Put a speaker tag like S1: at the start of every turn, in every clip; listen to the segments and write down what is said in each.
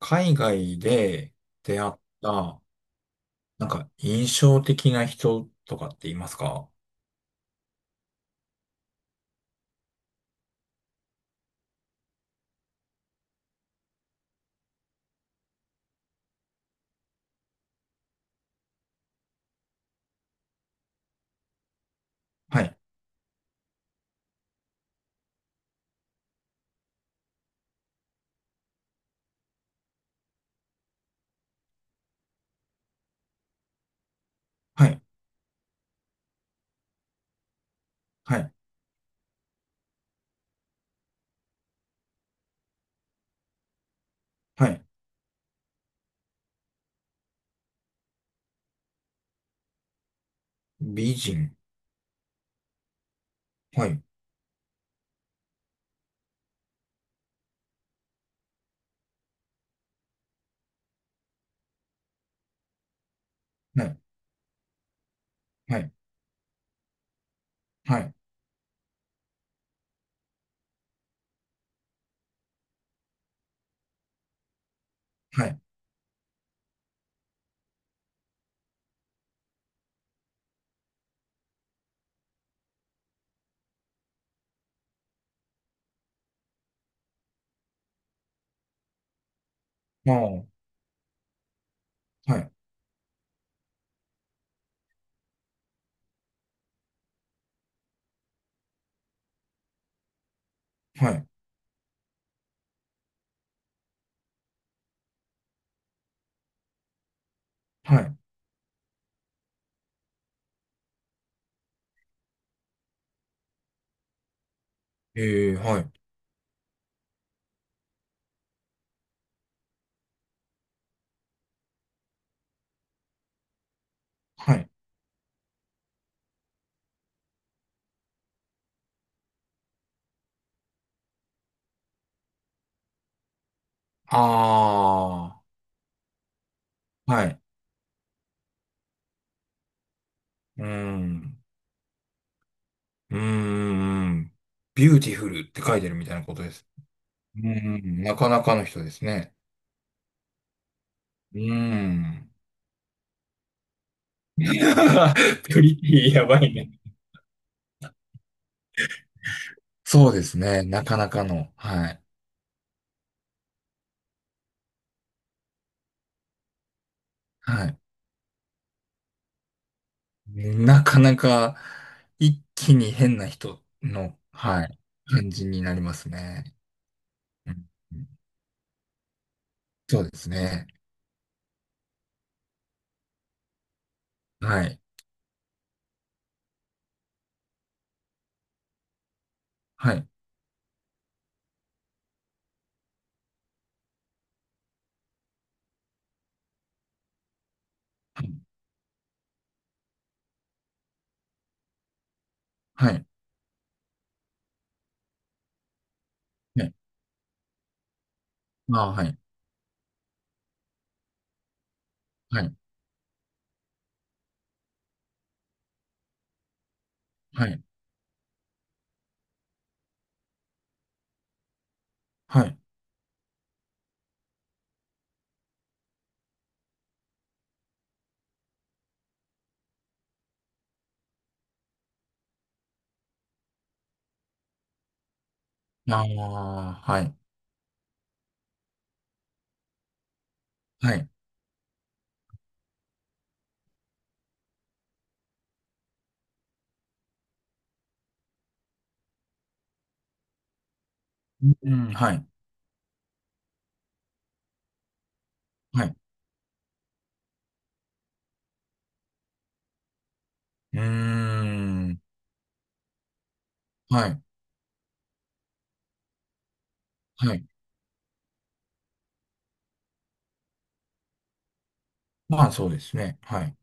S1: 海外で出会った、なんか印象的な人とかっていますか？はい、はい、はい、はい。美人。はい、はい、はい、はい、はい。ああ、はい、はい、はい。ええ、はい、はい。ああ、はい。うーん、うーん。ビューティフルって書いてるみたいなことです。うーん、なかなかの人ですね。うーん。プリティ やばいね。そうですね。なかなかの。はい。はい。なかなか一気に変な人の、はい。感じになりますね。うん、そうですね。はい。はい。はい。はい。ああ、はい。はい。はい。はい。ああ、はい。はい。うん、はい。はい。うーん。はい。はい。まあ、そうですね。はい。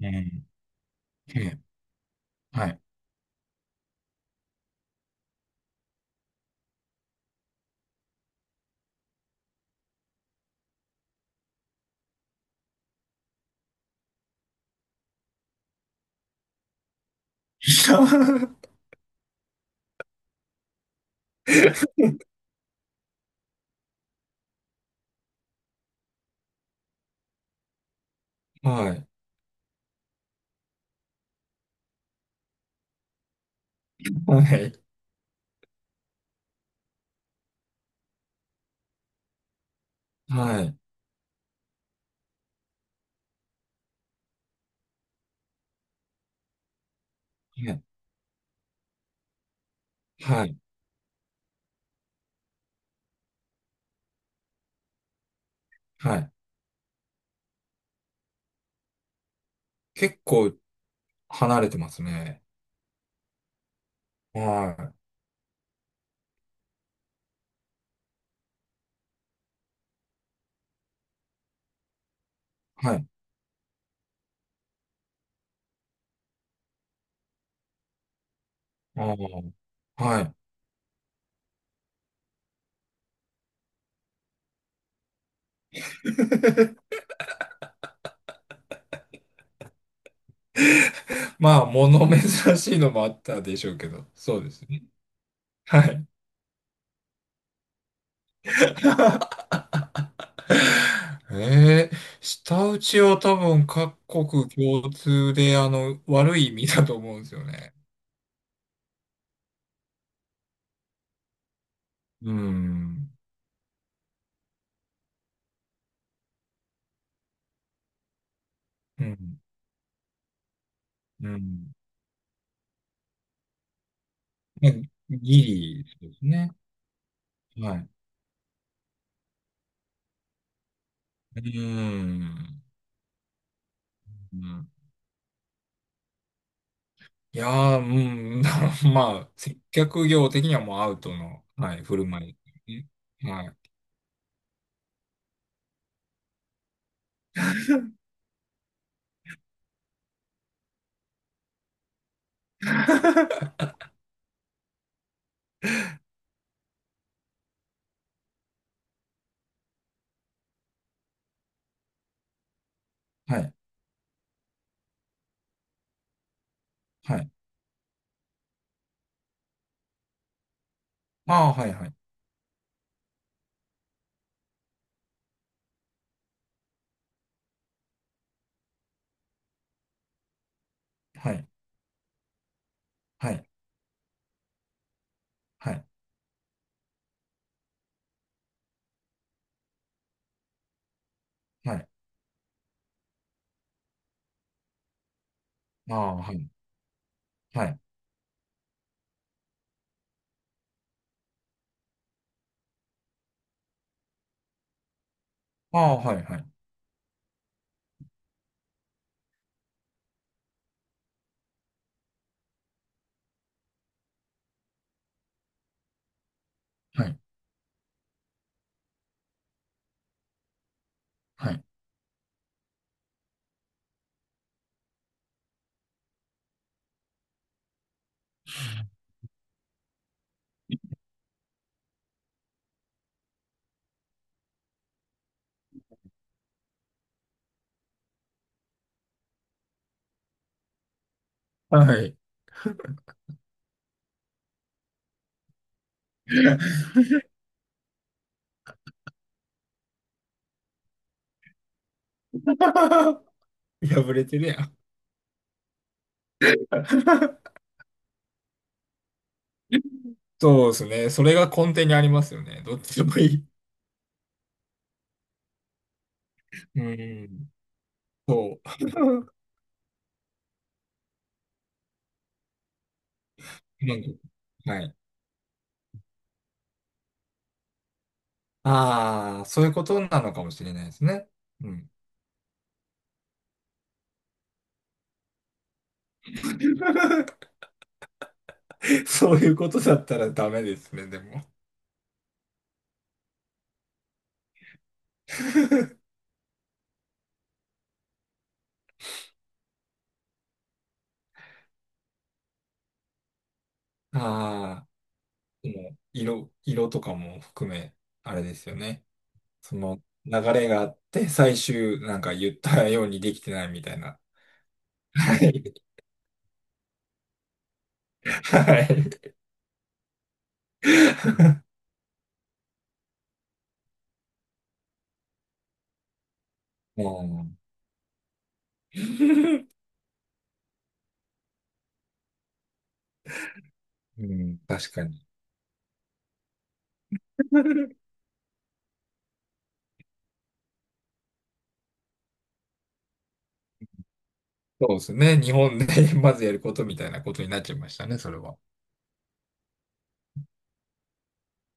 S1: うん。はい。はい。はい。はい。はい。はい。はい。結構離れてますね。はい。はい。ああ。はい。まあ、物珍しいのもあったでしょうけど、そうですね。はい。えー舌打ちは多分各国共通で、あの、悪い意味だと思うんですよね。うん。うん。うん。ねギリ、そうですね。はい。うん。うん、いやー、うん、まあ、接客業的にはもうアウトの、はい、振る舞い。はい。はい。はい。ああ、はい、はい。はい。はい。はい。はい。ああ、はい。はい。ああ、はい、はい。はい。はい。はい。破れてるやん。そうですね。それが根底にありますよね。どっちでもいい。うん。そう。なんか、はい。ああ、そういうことなのかもしれないですね。うん。そういうことだったらダメですね、でも。ああ、でも、色、色とかも含め、あれですよね。その流れがあって、最終、なんか言ったようにできてないみたいな。はい。はい。もう、うん、確かに。そうですね。日本で まずやることみたいなことになっちゃいましたね、それは。